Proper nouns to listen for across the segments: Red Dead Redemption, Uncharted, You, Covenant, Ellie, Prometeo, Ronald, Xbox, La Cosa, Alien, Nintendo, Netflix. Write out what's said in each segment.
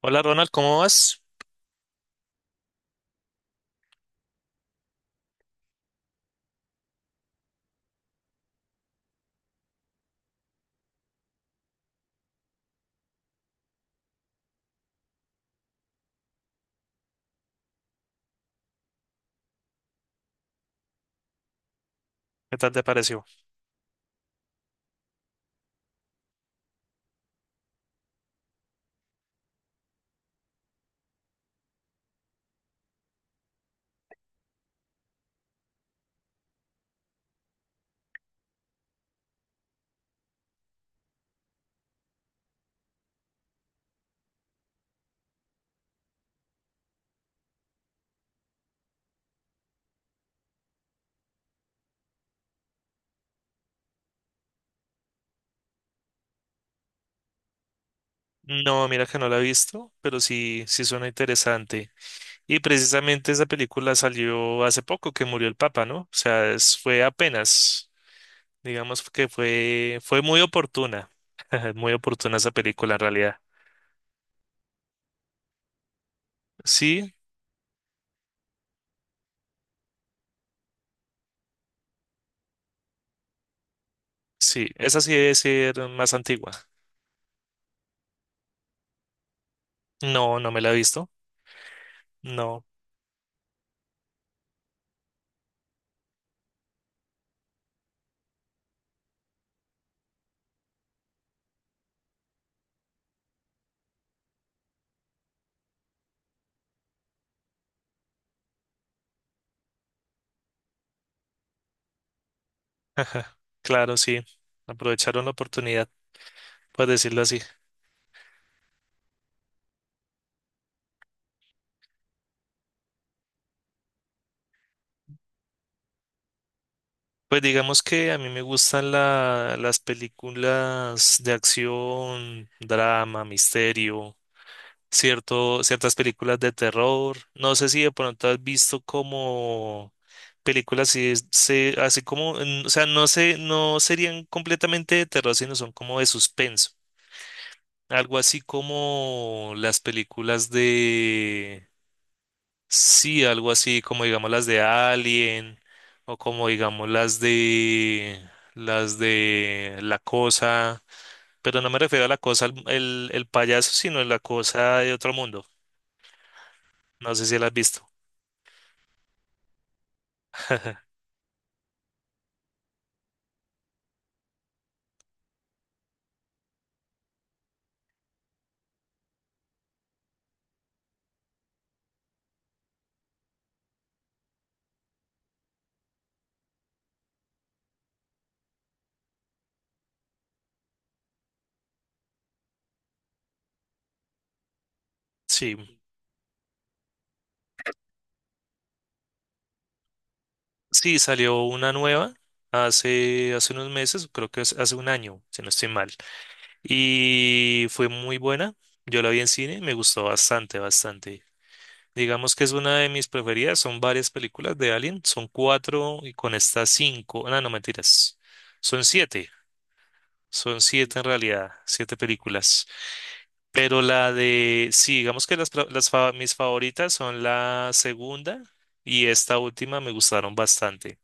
Hola Ronald, ¿cómo vas? ¿Qué tal te pareció? No, mira que no la he visto, pero sí suena interesante. Y precisamente esa película salió hace poco que murió el Papa, ¿no? O sea, fue apenas, digamos que fue muy oportuna, muy oportuna esa película en realidad. Sí, sí, esa sí debe ser más antigua. No, no me la he visto, no. Claro, sí, aprovecharon la oportunidad, por decirlo así. Pues digamos que a mí me gustan las películas de acción, drama, misterio, cierto, ciertas películas de terror. No sé si de pronto has visto como películas así, así como, o sea, no sé, no serían completamente de terror, sino son como de suspenso. Algo así como las películas. Sí, algo así como digamos las de Alien o como digamos las de La Cosa, pero no me refiero a La Cosa el payaso, sino a La Cosa de otro mundo. No sé si la has visto. Sí, sí, salió una nueva hace unos meses, creo que es hace un año, si no estoy mal, y fue muy buena. Yo la vi en cine, me gustó bastante, bastante. Digamos que es una de mis preferidas. Son varias películas de Alien. Son cuatro y con estas cinco. No, no mentiras. Son siete. Son siete en realidad. Siete películas. Pero la de... Sí, digamos que las, pra- las fa- mis favoritas son la segunda y esta última me gustaron bastante.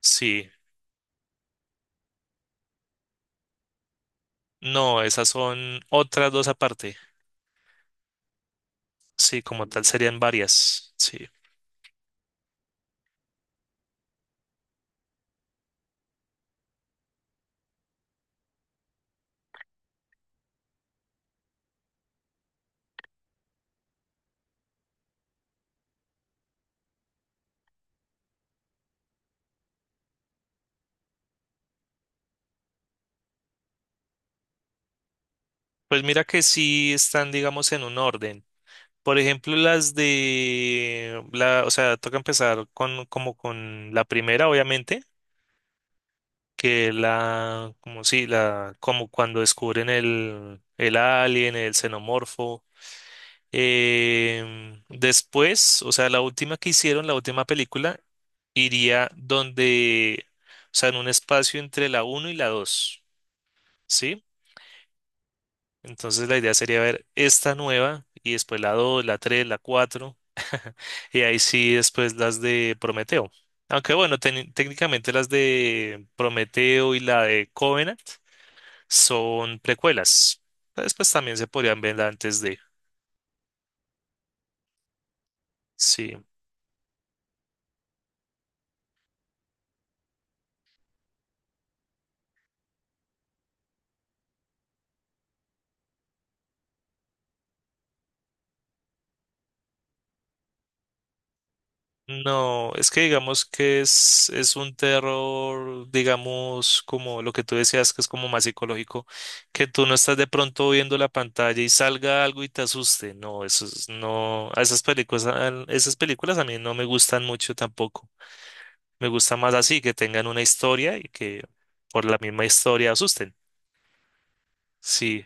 Sí. No, esas son otras dos aparte. Sí, como tal serían varias. Sí. Pues mira que sí están, digamos, en un orden. Por ejemplo, o sea, toca empezar con la primera, obviamente, que la, como sí, la, como cuando descubren el alien, el xenomorfo. Después, o sea, la última que hicieron, la última película, iría donde, o sea, en un espacio entre la uno y la dos, ¿sí? Entonces la idea sería ver esta nueva y después la 2, la 3, la 4 y ahí sí después las de Prometeo. Aunque bueno, técnicamente las de Prometeo y la de Covenant son precuelas. Después también se podrían ver antes de... Sí. No, es que digamos que es un terror, digamos, como lo que tú decías, que es como más psicológico, que tú no estás de pronto viendo la pantalla y salga algo y te asuste. No, no, a esas películas, esas películas a mí no me gustan mucho tampoco. Me gusta más así, que tengan una historia y que por la misma historia asusten. Sí,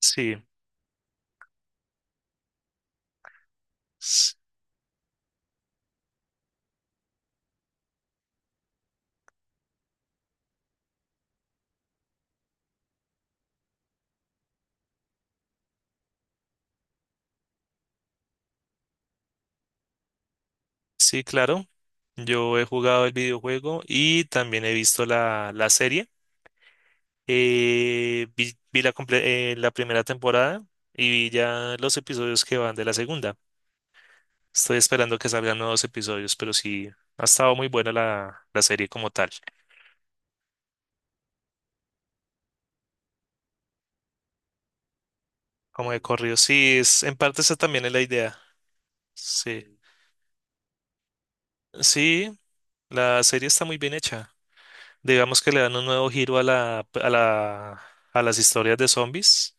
sí, s- sí, claro. Yo he jugado el videojuego y también he visto la serie. Vi la primera temporada y vi ya los episodios que van de la segunda. Estoy esperando que salgan nuevos episodios, pero sí, ha estado muy buena la serie como tal. Como de corrido, sí, en parte esa también es la idea. Sí, sí, la serie está muy bien hecha. Digamos que le dan un nuevo giro a a las historias de zombies,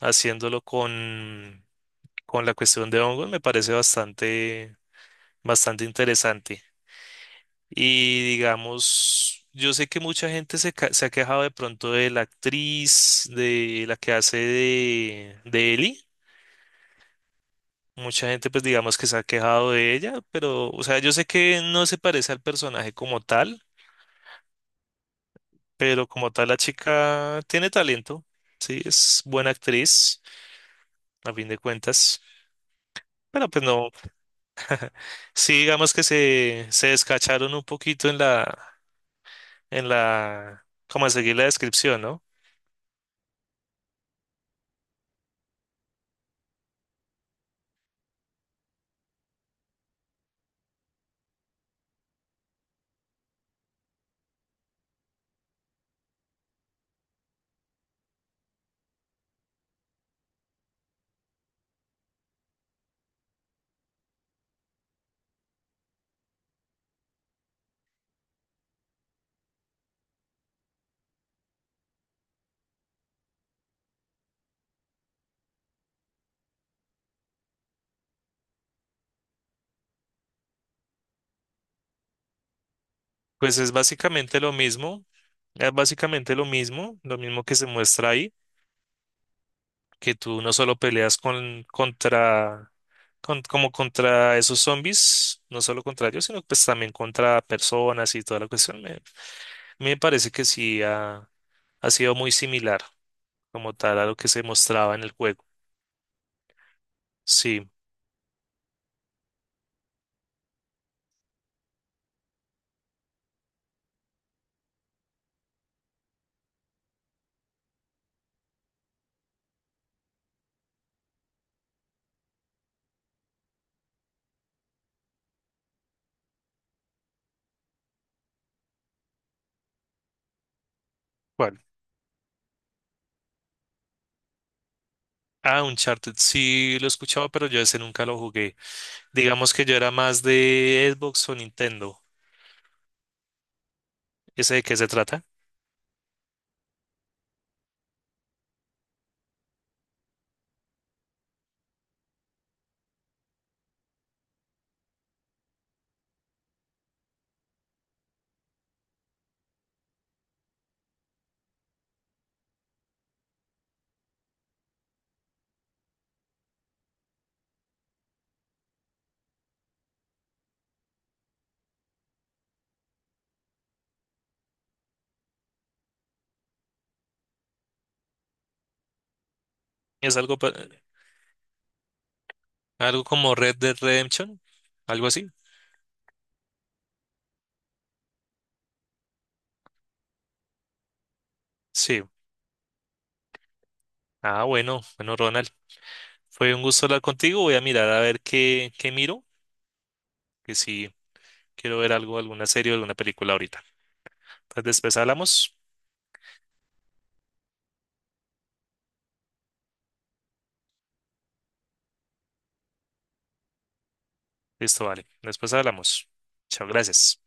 haciéndolo con la cuestión de hongos, me parece bastante, bastante interesante. Y digamos, yo sé que mucha gente se ha quejado de pronto de la actriz, de la que hace de Ellie. Mucha gente, pues digamos que se ha quejado de ella, pero, o sea, yo sé que no se parece al personaje como tal, pero como tal la chica tiene talento, sí, es buena actriz, a fin de cuentas. Pero pues no, sí, digamos que se descacharon un poquito en la, como en seguir la descripción, ¿no? Pues es básicamente lo mismo. Es básicamente lo mismo que se muestra ahí, que tú no solo peleas contra, con- como contra esos zombies, no solo contra ellos, sino pues también contra personas y toda la cuestión. Me parece que ha sido muy similar como tal a lo que se mostraba en el juego. Sí. ¿Cuál? Ah, Uncharted, sí lo he escuchado, pero yo ese nunca lo jugué. Digamos que yo era más de Xbox o Nintendo. ¿Ese de qué se trata? ¿Es algo, algo como Red Dead Redemption? ¿Algo así? Sí. Ah, bueno, bueno, Ronald. Fue un gusto hablar contigo. Voy a mirar a ver qué, qué miro, que si quiero ver algo, alguna serie o alguna película ahorita. Entonces después hablamos. Listo, vale. Después hablamos. Chao, gracias.